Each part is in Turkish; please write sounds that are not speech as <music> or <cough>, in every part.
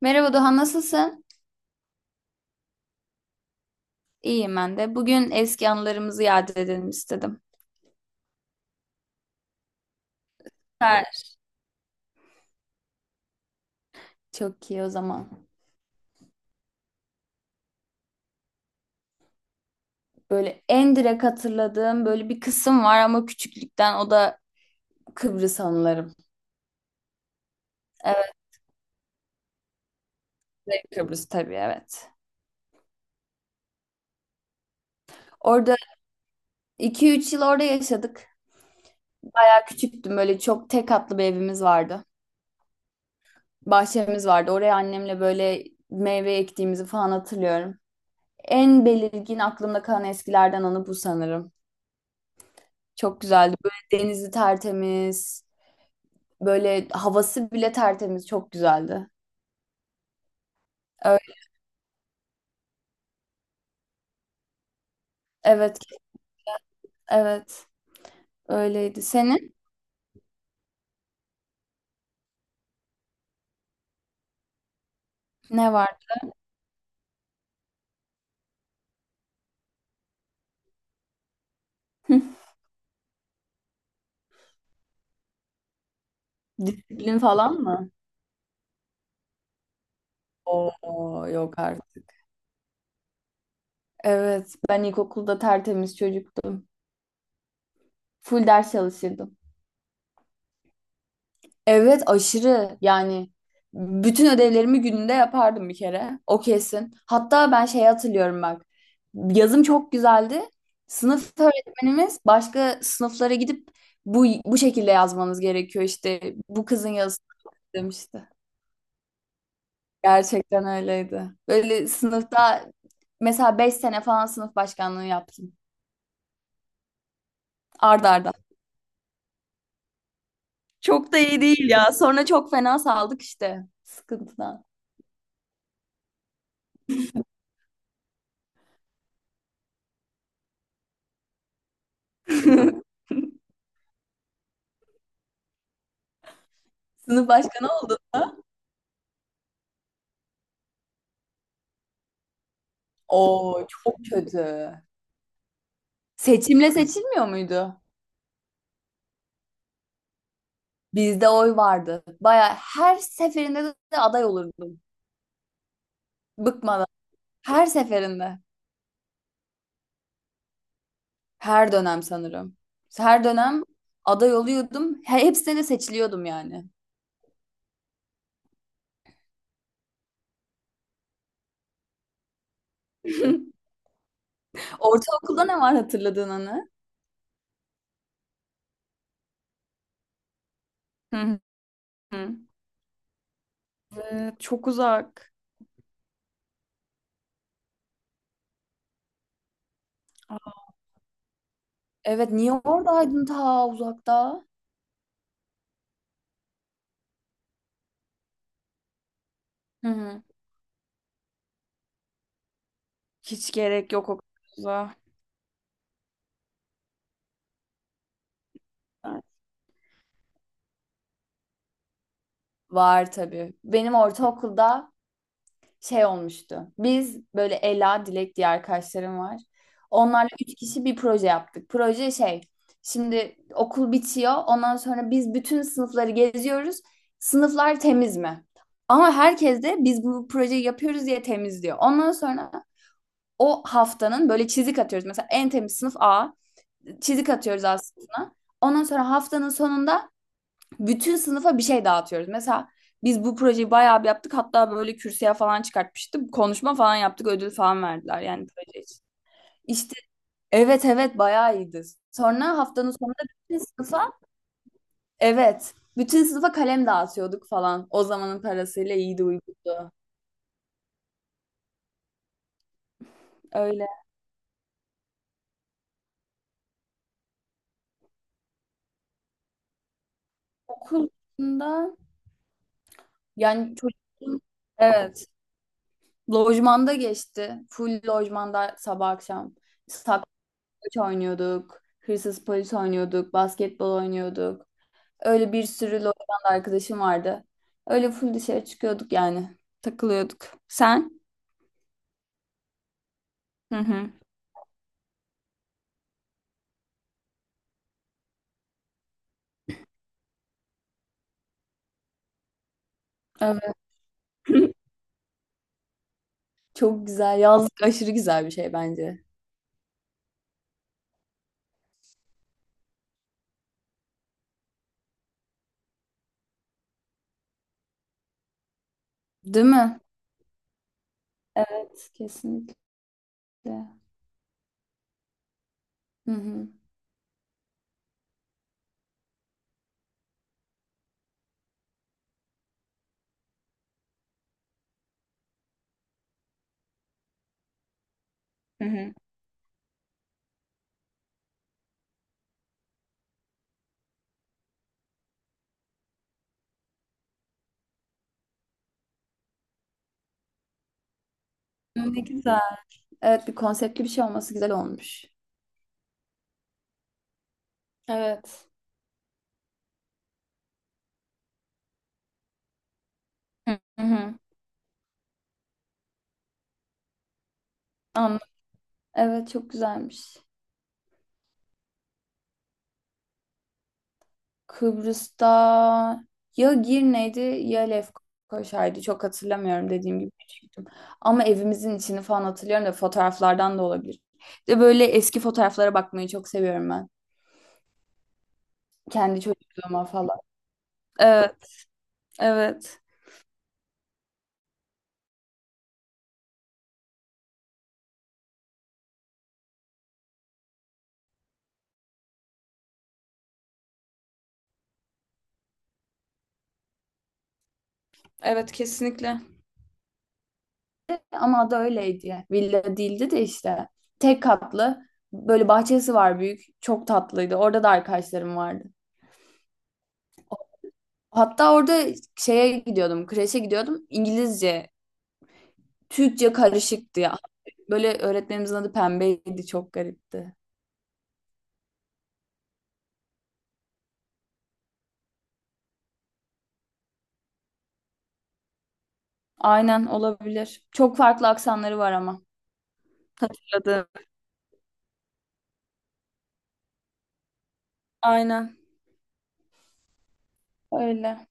Merhaba Doğan, nasılsın? İyiyim ben de. Bugün eski anılarımızı yad edelim istedim. Süper. Çok iyi o zaman. Böyle en direkt hatırladığım böyle bir kısım var ama küçüklükten o da Kıbrıs anılarım. Evet, Kuzey Kıbrıs tabii evet. Orada iki üç yıl orada yaşadık. Ben küçüktüm böyle çok tek katlı bir evimiz vardı. Bahçemiz vardı. Oraya annemle böyle meyve ektiğimizi falan hatırlıyorum. En belirgin aklımda kalan eskilerden anı bu sanırım. Çok güzeldi. Böyle denizi tertemiz. Böyle havası bile tertemiz, çok güzeldi. Öyle, evet, evet. Öyleydi. Senin ne var? <laughs> Disiplin falan mı? Oo, yok artık. Evet, ben ilkokulda tertemiz çocuktum. Full ders çalışırdım. Evet aşırı yani bütün ödevlerimi gününde yapardım bir kere o kesin. Hatta ben şey hatırlıyorum bak yazım çok güzeldi. Sınıf öğretmenimiz başka sınıflara gidip bu şekilde yazmanız gerekiyor işte bu kızın yazısı demişti. Gerçekten öyleydi. Böyle sınıfta mesela 5 sene falan sınıf başkanlığı yaptım arda arda. Çok da iyi değil ya sonra çok fena saldık işte sıkıntıdan. <laughs> Sınıf başkanı oldum. Oo çok kötü. Seçimle seçilmiyor muydu? Bizde oy vardı. Baya her seferinde de aday olurdum. Bıkmadan. Her seferinde. Her dönem sanırım. Her dönem aday oluyordum. Hepsine de seçiliyordum yani. <laughs> Ortaokulda ne var hatırladığın anı? Hı hı. Evet, çok uzak. Evet, niye oradaydın ta uzakta? Hı hı. Hiç gerek yok o kadar uzağa. Var tabii. Benim ortaokulda şey olmuştu. Biz böyle Ela, Dilek diye arkadaşlarım var. Onlarla üç kişi bir proje yaptık. Proje şey, şimdi okul bitiyor. Ondan sonra biz bütün sınıfları geziyoruz. Sınıflar temiz mi? Ama herkes de biz bu projeyi yapıyoruz diye temizliyor. Ondan sonra o haftanın böyle çizik atıyoruz. Mesela en temiz sınıf A. Çizik atıyoruz A sınıfına. Ondan sonra haftanın sonunda bütün sınıfa bir şey dağıtıyoruz. Mesela biz bu projeyi bayağı bir yaptık. Hatta böyle kürsüye falan çıkartmıştık. Konuşma falan yaptık. Ödül falan verdiler yani proje için. İşte evet, evet, bayağı iyiydi. Sonra haftanın sonunda bütün sınıfa evet, bütün sınıfa kalem dağıtıyorduk falan. O zamanın parasıyla iyiydi uygundu. Öyle. Okulda yani çocuğum evet lojmanda geçti. Full lojmanda sabah akşam. Saklambaç oynuyorduk. Hırsız polis oynuyorduk. Basketbol oynuyorduk. Öyle bir sürü Lorient'li arkadaşım vardı. Öyle full dışarı çıkıyorduk yani. Takılıyorduk. Sen? Hı hı. Evet. <laughs> Çok güzel. Yazlık aşırı güzel bir şey bence. Değil mi? Evet, kesinlikle. Hı hı. Hı hı. Ne güzel. Evet, bir konseptli bir şey olması güzel olmuş. Evet. Hı hı. Anladım. Evet, çok güzelmiş. Kıbrıs'ta ya Girne'ydi ya Lefkoşa'ydı. Çok hatırlamıyorum dediğim gibi küçüktüm. Ama evimizin içini falan hatırlıyorum da fotoğraflardan da olabilir. De böyle eski fotoğraflara bakmayı çok seviyorum ben. Kendi çocukluğuma falan. Evet, evet. Evet, kesinlikle. Ama adı öyleydi, ya. Villa değildi de işte. Tek katlı. Böyle bahçesi var büyük. Çok tatlıydı. Orada da arkadaşlarım vardı. Hatta orada şeye gidiyordum. Kreşe gidiyordum. İngilizce Türkçe karışıktı ya. Böyle öğretmenimizin adı Pembe'ydi. Çok garipti. Aynen, olabilir. Çok farklı aksanları var ama. Hatırladım. Aynen. Öyle.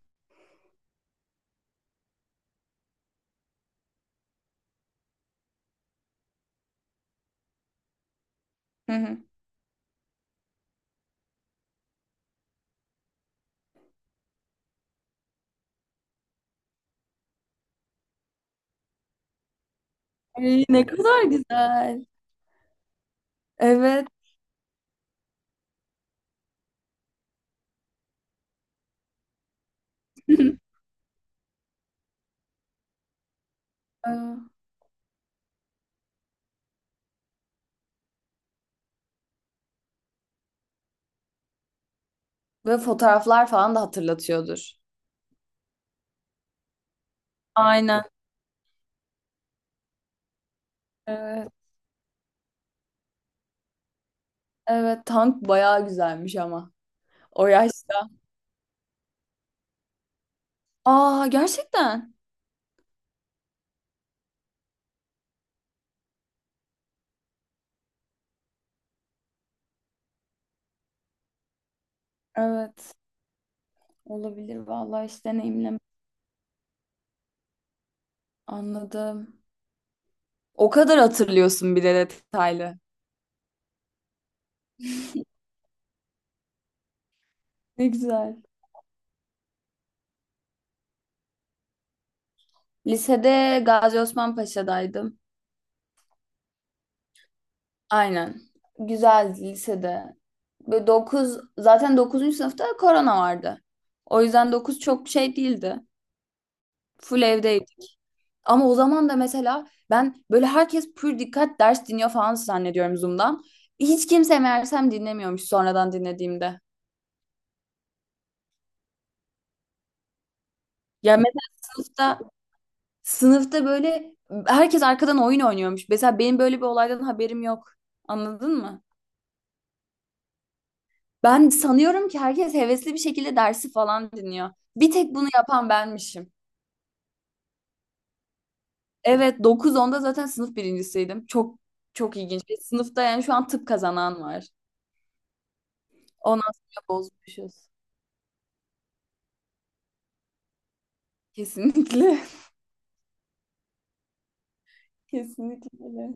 Hı hı. Ay, ne kadar güzel. Evet. <laughs> Ee, Ve fotoğraflar falan da hatırlatıyordur. Aynen. Evet. Evet. Tank bayağı güzelmiş ama. O yaşta. Aa gerçekten. Evet. Olabilir. Vallahi hiç deneyimlemedim. Anladım. O kadar hatırlıyorsun bir de detaylı. Ne güzel. Lisede Gazi Osman Paşa'daydım. Aynen. Güzeldi lisede. Böyle 9, zaten 9. sınıfta korona vardı. O yüzden 9 çok şey değildi. Full evdeydik. Ama o zaman da mesela ben böyle herkes pür dikkat ders dinliyor falan zannediyorum Zoom'dan. Hiç kimse meğersem dinlemiyormuş sonradan dinlediğimde. Ya mesela sınıfta sınıfta böyle herkes arkadan oyun oynuyormuş. Mesela benim böyle bir olaydan haberim yok. Anladın mı? Ben sanıyorum ki herkes hevesli bir şekilde dersi falan dinliyor. Bir tek bunu yapan benmişim. Evet 9-10'da zaten sınıf birincisiydim. Çok çok ilginç. Bir sınıfta yani şu an tıp kazanan var. Ondan sonra bozmuşuz. Kesinlikle. <laughs> Kesinlikle, öyle.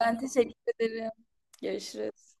Ben teşekkür ederim. Görüşürüz.